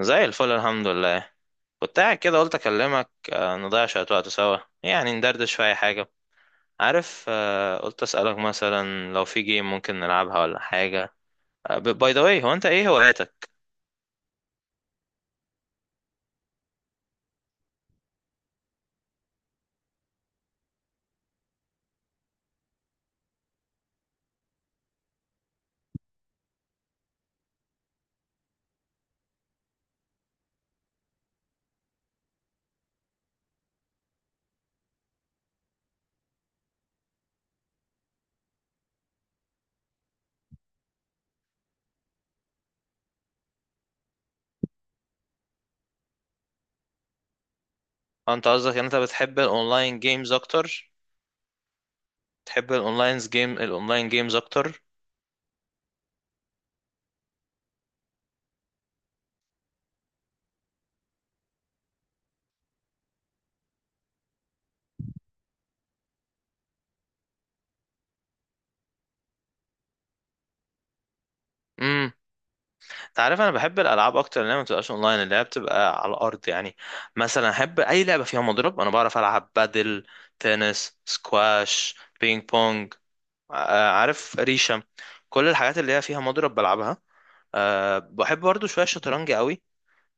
زي الفل الحمد لله. كنت قاعد كده قلت اكلمك نضيع شوية وقت سوا يعني ندردش في اي حاجة. عارف. قلت اسألك مثلا لو في جيم ممكن نلعبها ولا حاجة. باي ذا واي، هو انت ايه هواياتك؟ هو انت قصدك ان انت بتحب الاونلاين جيمز اكتر؟ بتحب الاونلاين جيمز اكتر؟ امم انت عارف انا بحب الالعاب اكتر اللي هي ما بتبقاش اونلاين، اللي هي بتبقى على الارض. يعني مثلا احب اي لعبة فيها مضرب. انا بعرف العب بادل، تنس، سكواش، بينج بونج، عارف، ريشة. كل الحاجات اللي هي فيها مضرب بلعبها. بحب برضو شوية الشطرنج قوي.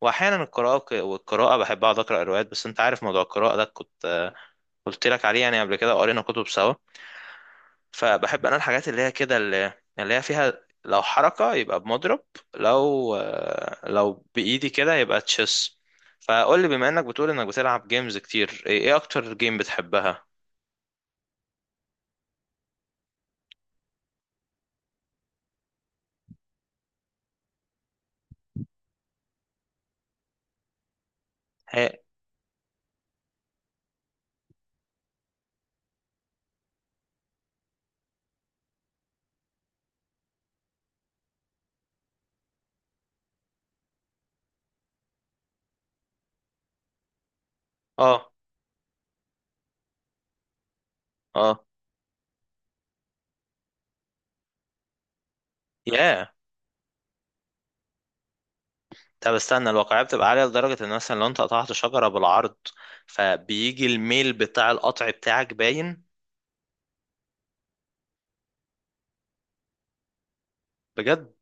وأحيانا القراءة، والقراءة بحب أقعد أقرأ روايات. بس أنت عارف موضوع القراءة ده كنت قلت لك عليه يعني قبل كده، وقرينا كتب سوا. فبحب أنا الحاجات اللي هي كده اللي هي فيها. لو حركة يبقى بمضرب. لو بإيدي كده يبقى تشيس. فقول لي بما إنك بتقول إنك بتلعب جيمز كتير، إيه أكتر جيم بتحبها؟ هي- اه، اه. ياه. طب استنى، الواقعية بتبقى عالية لدرجة ان مثلا لو انت قطعت شجرة بالعرض فبيجي الميل بتاع القطع بتاعك باين. بجد؟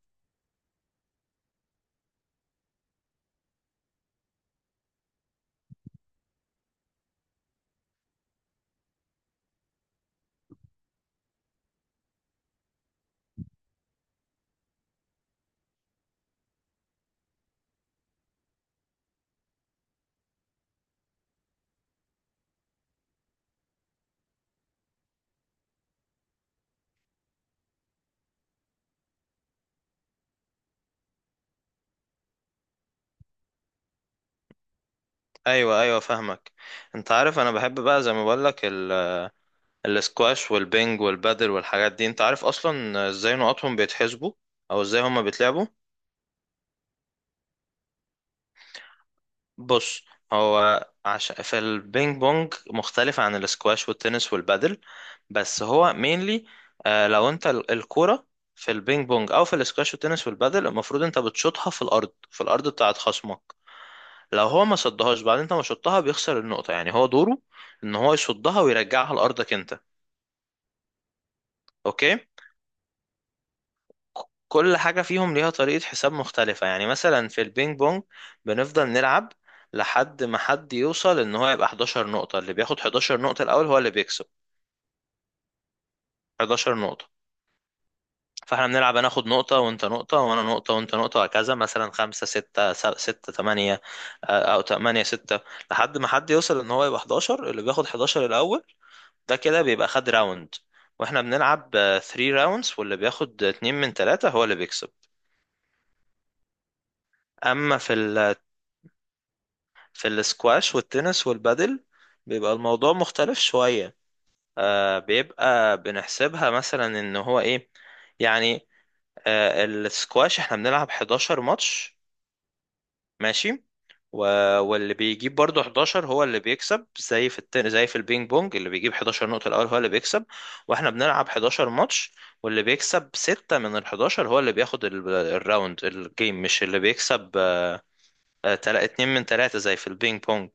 ايوه، ايوه، فاهمك. انت عارف انا بحب بقى زي ما بقول لك الاسكواش والبنج والبادل والحاجات دي. انت عارف اصلا ازاي نقطهم بيتحسبوا او ازاي هما بيتلعبوا؟ بص. هو عشان في البينج بونج مختلف عن الاسكواش والتنس والبادل، بس هو مينلي لو انت الكرة في البينج بونج او في الاسكواش والتنس والبادل المفروض انت بتشوطها في الارض، في الارض بتاعت خصمك. لو هو ما صدهاش بعد انت ما شوطها بيخسر النقطة. يعني هو دوره ان هو يصدها ويرجعها لارضك انت. اوكي. كل حاجة فيهم ليها طريقة حساب مختلفة. يعني مثلا في البينج بونج بنفضل نلعب لحد ما حد يوصل ان هو يبقى 11 نقطة. اللي بياخد 11 نقطة الاول هو اللي بيكسب. 11 نقطة. فاحنا بنلعب، انا اخد نقطة وانت نقطة وانا نقطة وانت نقطة وهكذا، مثلا خمسة ستة، ستة تمانية، او تمانية ستة. لحد ما حد يوصل ان هو يبقى 11، اللي بياخد 11 الاول. ده كده بيبقى خد راوند. واحنا بنلعب 3 راوندز، واللي بياخد اتنين من تلاتة هو اللي بيكسب. اما في السكواش والتنس والبادل بيبقى الموضوع مختلف شوية. بيبقى بنحسبها مثلا ان هو ايه يعني. السكواش احنا بنلعب 11 ماتش. ماشي. و... واللي بيجيب برضه 11 هو اللي بيكسب، زي في البينج بونج. اللي بيجيب 11 نقطة الأول هو اللي بيكسب. واحنا بنلعب 11 ماتش واللي بيكسب 6 من ال 11 هو اللي بياخد الراوند الجيم، مش اللي بيكسب. اتنين من تلاتة زي في البينج بونج.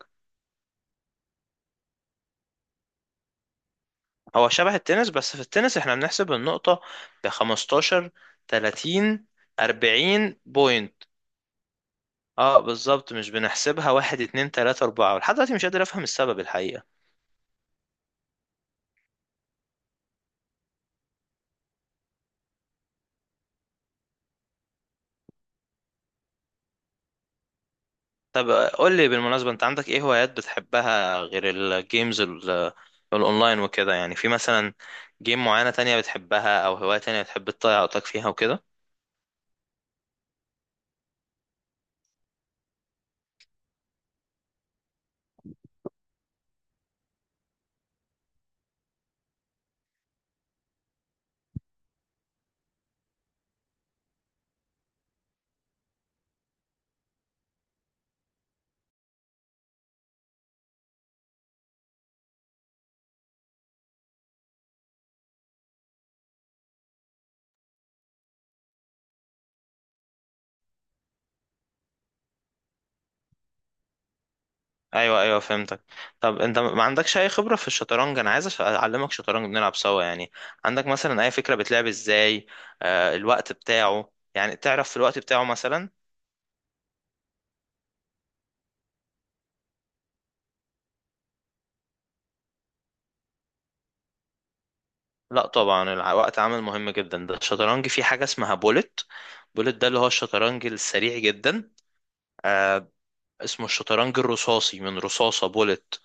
هو شبه التنس، بس في التنس احنا بنحسب النقطة ب 15، 30، 40 بوينت. اه، بالظبط، مش بنحسبها واحد اتنين تلاتة أربعة. لحد دلوقتي مش قادر أفهم السبب الحقيقة. طب، قول لي بالمناسبة، أنت عندك إيه هوايات بتحبها غير الجيمز الأونلاين وكده؟ يعني في مثلا جيم معينة تانية بتحبها أو هواية تانية بتحب تضيع وقتك فيها وكده؟ ايوه، ايوه، فهمتك. طب انت ما عندكش اي خبره في الشطرنج؟ انا عايز اعلمك شطرنج نلعب سوا يعني. عندك مثلا اي فكره بتلعب ازاي؟ الوقت بتاعه، يعني تعرف في الوقت بتاعه مثلا؟ لا، طبعا الوقت عامل مهم جدا. ده الشطرنج فيه حاجه اسمها بولت. بولت ده اللي هو الشطرنج السريع جدا. آه اسمه الشطرنج الرصاصي، من رصاصه بولت.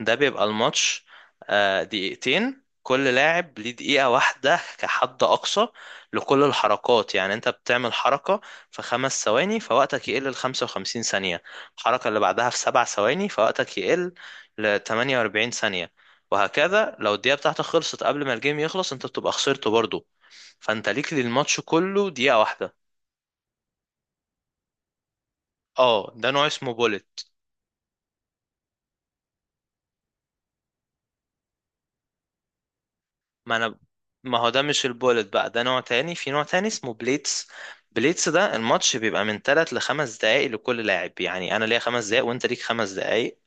ده بيبقى الماتش دقيقتين. كل لاعب ليه دقيقة واحدة كحد أقصى لكل الحركات. يعني أنت بتعمل حركة في خمس ثواني فوقتك يقل لخمسة وخمسين ثانية. الحركة اللي بعدها في سبع ثواني فوقتك يقل لتمانية وأربعين ثانية. وهكذا. لو الدقيقة بتاعتك خلصت قبل ما الجيم يخلص أنت بتبقى خسرته برضه. فأنت ليك للماتش كله دقيقة واحدة. اه، ده نوع اسمه بوليت. ما انا ما هو ده مش البولت بقى، ده نوع تاني. في نوع تاني اسمه بليتس. بليتس ده الماتش بيبقى من 3 لخمس دقايق لكل لاعب. يعني انا ليا خمس دقايق وانت ليك خمس دقايق.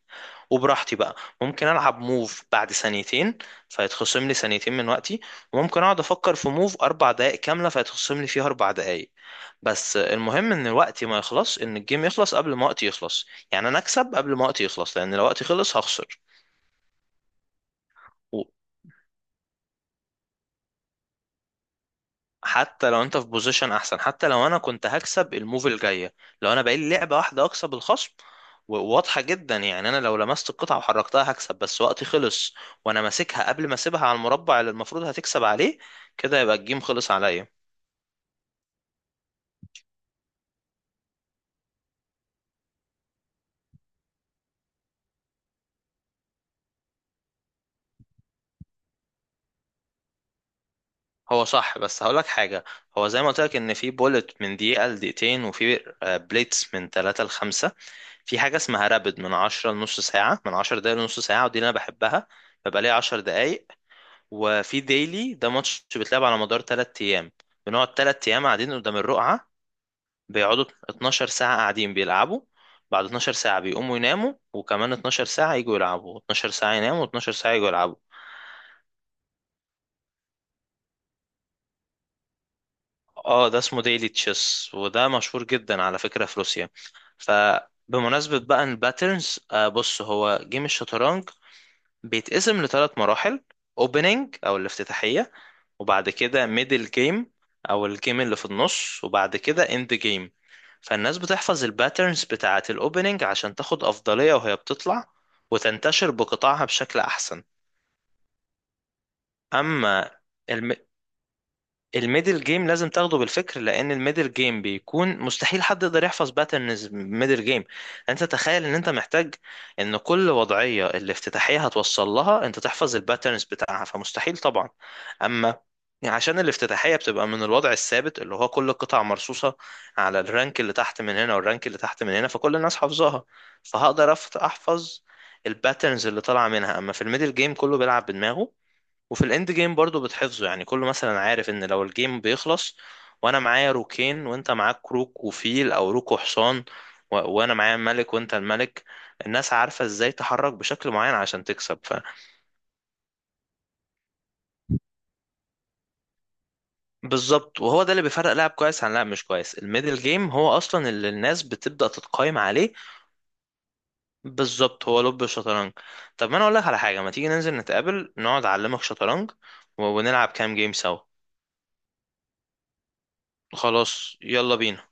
وبراحتي بقى ممكن العب موف بعد ثانيتين فيتخصم لي ثانيتين من وقتي. وممكن اقعد افكر في موف اربع دقايق كامله فيتخصم لي فيها اربع دقايق. بس المهم ان وقتي ما يخلص، ان الجيم يخلص قبل ما وقتي يخلص. يعني انا اكسب قبل ما وقتي يخلص، لان لو وقتي خلص هخسر. حتى لو انت في بوزيشن احسن. حتى لو انا كنت هكسب الموف الجايه، لو انا بقالي لعبه واحده اكسب الخصم واضحه جدا. يعني انا لو لمست القطعه وحركتها هكسب، بس وقتي خلص وانا ماسكها قبل ما اسيبها على المربع اللي المفروض هتكسب عليه. كده يبقى الجيم خلص عليا. هو صح، بس هقولك حاجه. هو زي ما قلت لك ان في بولت من دقيقه لدقيقتين، وفي بليتس من 3 ل 5. في حاجه اسمها رابد من 10 لنص ساعه، من 10 دقايق لنص ساعه، ودي اللي انا بحبها. ببقى ليا 10 دقايق. وفي ديلي، ده ماتش بيتلعب على مدار 3 ايام. بنقعد 3 ايام قاعدين قدام الرقعة. بيقعدوا 12 ساعة قاعدين بيلعبوا. بعد 12 ساعة بيقوموا يناموا، وكمان 12 ساعة يجوا يلعبوا، 12 ساعة يناموا و12 ساعة يجوا يلعبوا. اه، ده اسمه ديلي تشيس، وده مشهور جدا على فكرة في روسيا. فبمناسبة بقى الباترنز، بص، هو جيم الشطرنج بيتقسم لثلاث مراحل. اوبننج او الافتتاحية، وبعد كده ميدل جيم او الجيم اللي في النص، وبعد كده اند جيم. فالناس بتحفظ الباترنز بتاعة الاوبننج عشان تاخد افضلية وهي بتطلع وتنتشر بقطاعها بشكل احسن. اما الميدل جيم لازم تاخده بالفكر، لان الميدل جيم بيكون مستحيل حد يقدر يحفظ باترنز ميدل جيم. انت تخيل ان انت محتاج ان كل وضعية الافتتاحية هتوصل لها انت تحفظ الباترنز بتاعها، فمستحيل طبعا. اما، يعني عشان الافتتاحية بتبقى من الوضع الثابت اللي هو كل القطع مرصوصة على الرانك اللي تحت من هنا والرانك اللي تحت من هنا، فكل الناس حافظاها. فهقدر احفظ الباترنز اللي طالعة منها. اما في الميدل جيم كله بيلعب بدماغه. وفي الاند جيم برضو بتحفظه. يعني كله مثلا عارف ان لو الجيم بيخلص وانا معايا روكين وانت معاك روك وفيل او روك وحصان وانا معايا ملك وانت الملك، الناس عارفة ازاي تحرك بشكل معين عشان تكسب. ف بالظبط، وهو ده اللي بيفرق لاعب كويس عن لاعب مش كويس. الميدل جيم هو اصلا اللي الناس بتبدأ تتقايم عليه. بالظبط، هو لب الشطرنج. طب ما انا اقول لك على حاجة، ما تيجي ننزل نتقابل نقعد اعلمك شطرنج ونلعب كام جيم سوا؟ خلاص، يلا بينا.